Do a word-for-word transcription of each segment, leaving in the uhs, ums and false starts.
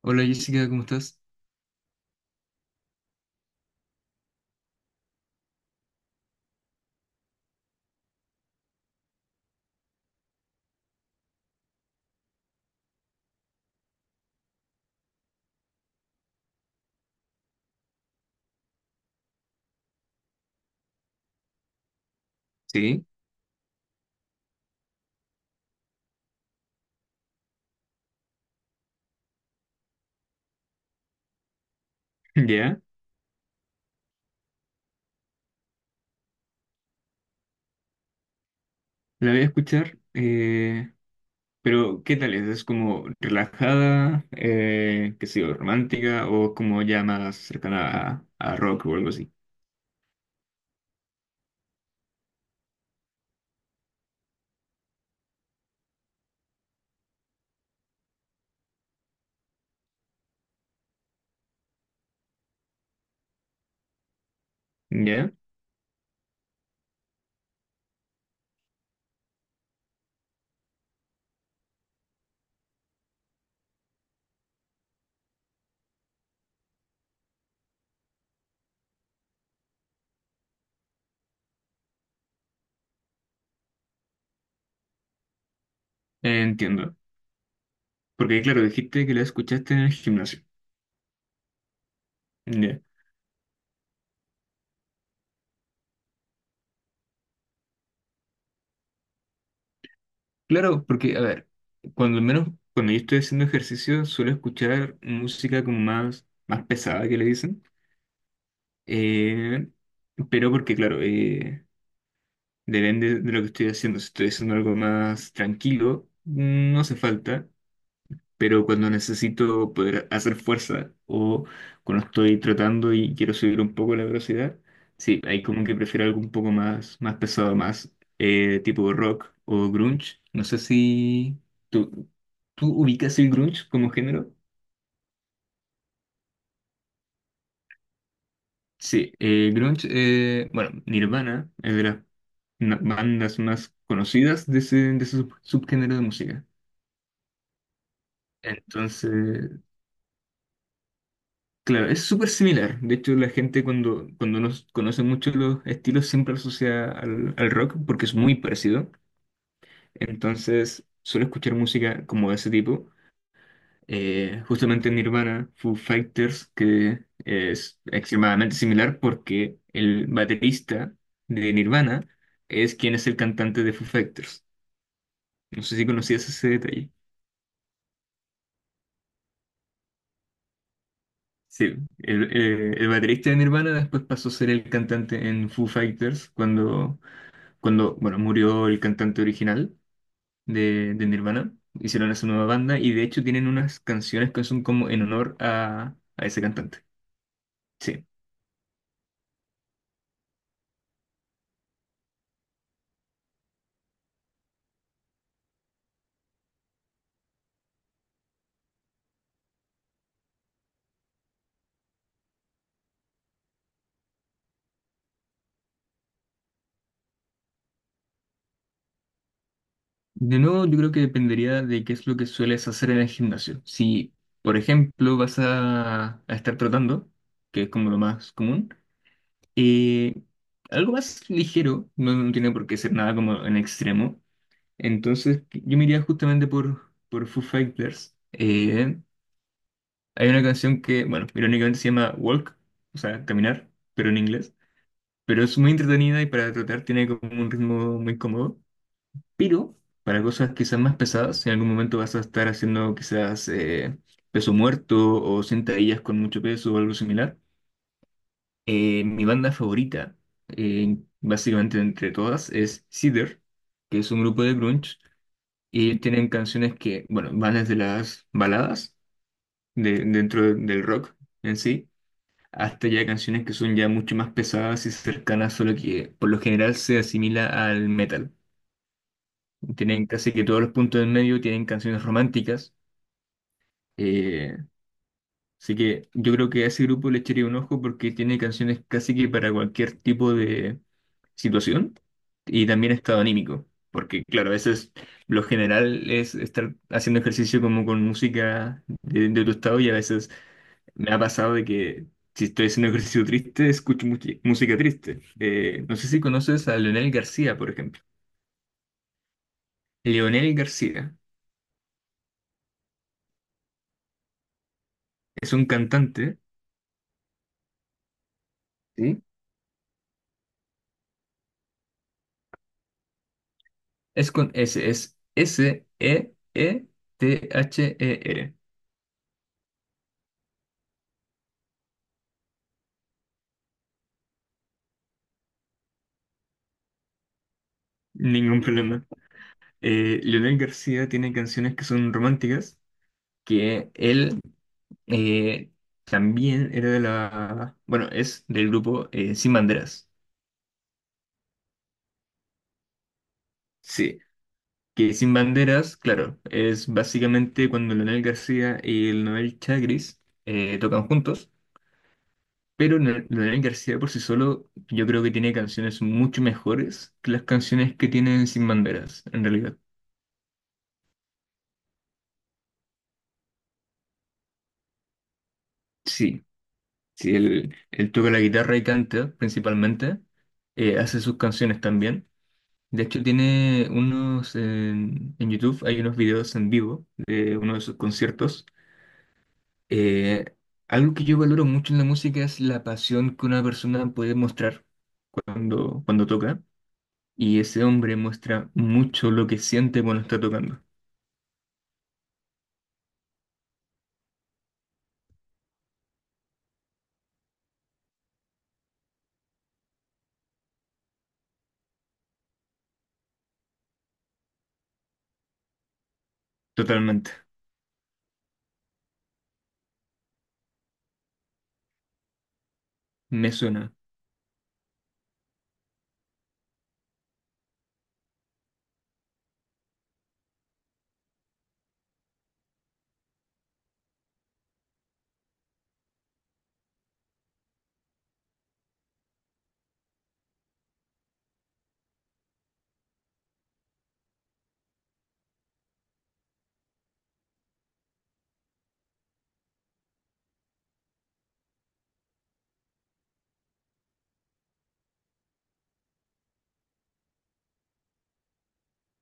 Hola Jessica, ¿cómo estás? Sí, ya, la voy a escuchar. Eh, pero ¿qué tal es? ¿Es como relajada, eh, qué sé yo, romántica o como ya más cercana a, a rock o algo así? Ya, entiendo. Porque, claro, dijiste que la escuchaste en el gimnasio. Ya. Claro, porque, a ver, cuando al menos cuando yo estoy haciendo ejercicio suelo escuchar música como más, más pesada que le dicen. eh, pero porque, claro, eh, depende de lo que estoy haciendo. Si estoy haciendo algo más tranquilo, no hace falta. Pero cuando necesito poder hacer fuerza o cuando estoy trotando y quiero subir un poco la velocidad, sí, hay como que prefiero algo un poco más, más pesado, más eh, tipo rock o grunge. No sé si tú, tú ubicas el grunge como género. Sí, eh, grunge, eh, bueno, Nirvana es de las na- bandas más conocidas de ese, de ese sub- subgénero de música. Entonces, claro, es súper similar. De hecho, la gente cuando, cuando nos conoce mucho los estilos siempre lo asocia al, al rock porque es muy parecido. Entonces, suelo escuchar música como de ese tipo. Eh, justamente Nirvana, Foo Fighters, que es extremadamente similar porque el baterista de Nirvana es quien es el cantante de Foo Fighters. No sé si conocías ese detalle. Sí, el, eh, el baterista de Nirvana después pasó a ser el cantante en Foo Fighters cuando, cuando bueno, murió el cantante original de, de Nirvana. Hicieron esa nueva banda y de hecho tienen unas canciones que son como en honor a, a ese cantante. Sí. De nuevo, yo creo que dependería de qué es lo que sueles hacer en el gimnasio. Si, por ejemplo, vas a, a estar trotando, que es como lo más común, eh, algo más ligero, no, no tiene por qué ser nada como en extremo. Entonces, yo me iría justamente por, por Foo Fighters. Eh, hay una canción que, bueno, irónicamente se llama Walk, o sea, caminar, pero en inglés. Pero es muy entretenida y para tratar tiene como un ritmo muy cómodo. Pero para cosas quizás más pesadas, en algún momento vas a estar haciendo quizás eh, peso muerto o sentadillas con mucho peso o algo similar. Eh, mi banda favorita, eh, básicamente entre todas, es Cedar, que es un grupo de grunge. Y ellos tienen canciones que, bueno, van desde las baladas de, dentro de- del rock en sí, hasta ya canciones que son ya mucho más pesadas y cercanas, solo que por lo general se asimila al metal. Tienen casi que todos los puntos en medio, tienen canciones románticas, eh, así que yo creo que a ese grupo le echaría un ojo porque tiene canciones casi que para cualquier tipo de situación y también estado anímico. Porque, claro, a veces lo general es estar haciendo ejercicio como con música de, de tu estado y a veces me ha pasado de que si estoy haciendo ejercicio triste, escucho muchi- música triste. Eh, no sé si conoces a Leonel García, por ejemplo. Leonel García es un cantante. ¿Sí? Es con S, es S-E-E-T-H-E-R. Ningún problema. Eh, Leonel García tiene canciones que son románticas, que él eh, también era de la... Bueno, es del grupo eh, Sin Banderas. Sí, que Sin Banderas, claro, es básicamente cuando Leonel García y el Noel Chagris eh, tocan juntos, pero Leonel Leonel García por sí solo yo creo que tiene canciones mucho mejores que las canciones que tienen Sin Banderas, en realidad. Sí. Sí, él, él toca la guitarra y canta principalmente. Eh, hace sus canciones también. De hecho, tiene unos en, en YouTube, hay unos videos en vivo de uno de sus conciertos. Eh, algo que yo valoro mucho en la música es la pasión que una persona puede mostrar cuando, cuando toca. Y ese hombre muestra mucho lo que siente cuando está tocando. Totalmente. Me suena.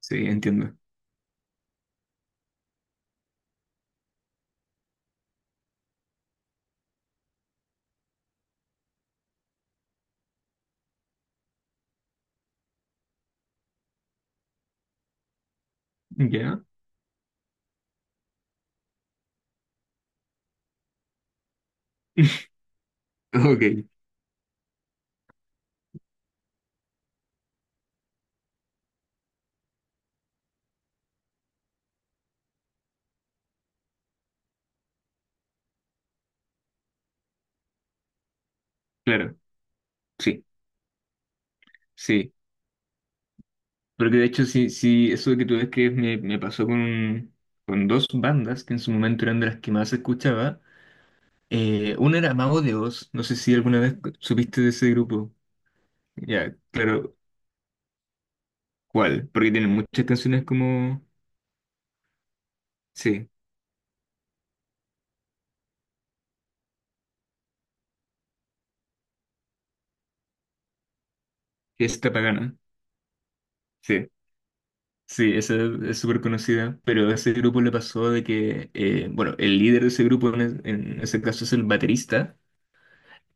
Sí, entiendo. ¿Ya? Ok, claro. Sí, sí. Porque de hecho, sí, sí, eso que tú describes me, me pasó con, con dos bandas que en su momento eran de las que más escuchaba. Eh, una era Mago de Oz, no sé si alguna vez supiste de ese grupo. Ya, claro, ¿cuál? Porque tienen muchas canciones como, sí, Fiesta Pagana. Sí, sí, esa es súper conocida. Pero a ese grupo le pasó de que, eh, bueno, el líder de ese grupo en, es- en ese caso es el baterista.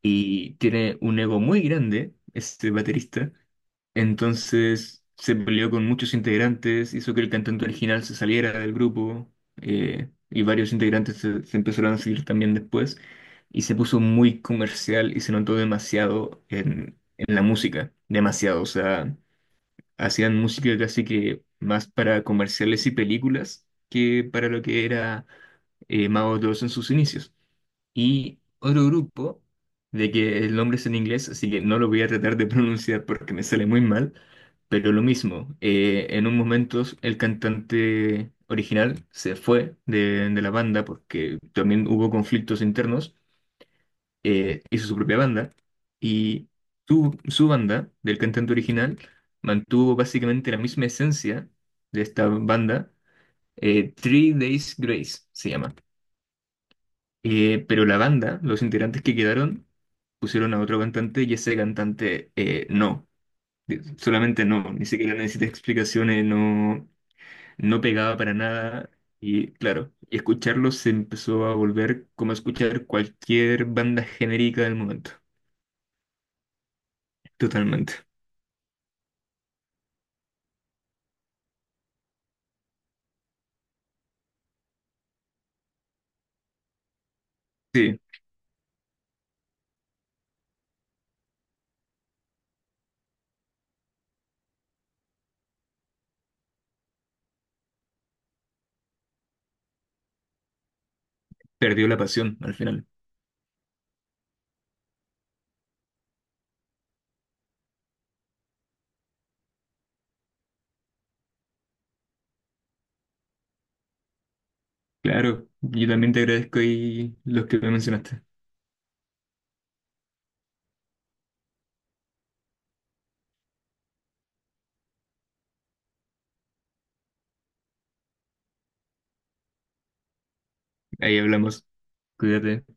Y tiene un ego muy grande, este baterista. Entonces se peleó con muchos integrantes, hizo que el cantante original se saliera del grupo, eh, y varios integrantes se, se empezaron a seguir también después y se puso muy comercial y se notó demasiado en, en la música, demasiado, o sea, hacían música casi que más para comerciales y películas que para lo que era eh, Mago dos en sus inicios. Y otro grupo de que el nombre es en inglés, así que no lo voy a tratar de pronunciar porque me sale muy mal, pero lo mismo, eh, en un momento el cantante original se fue de, de la banda porque también hubo conflictos internos, eh, hizo su propia banda y su, su banda del cantante original mantuvo básicamente la misma esencia de esta banda, eh, Three Days Grace se llama. Eh, pero la banda, los integrantes que quedaron, pusieron a otro cantante y ese cantante eh, no, eh, solamente no, ni siquiera necesita explicaciones, no, no pegaba para nada. Y claro, y escucharlo se empezó a volver como escuchar cualquier banda genérica del momento, totalmente. Sí, perdió la pasión al final. Claro, yo también te agradezco y los que me mencionaste. Ahí hablamos, cuídate.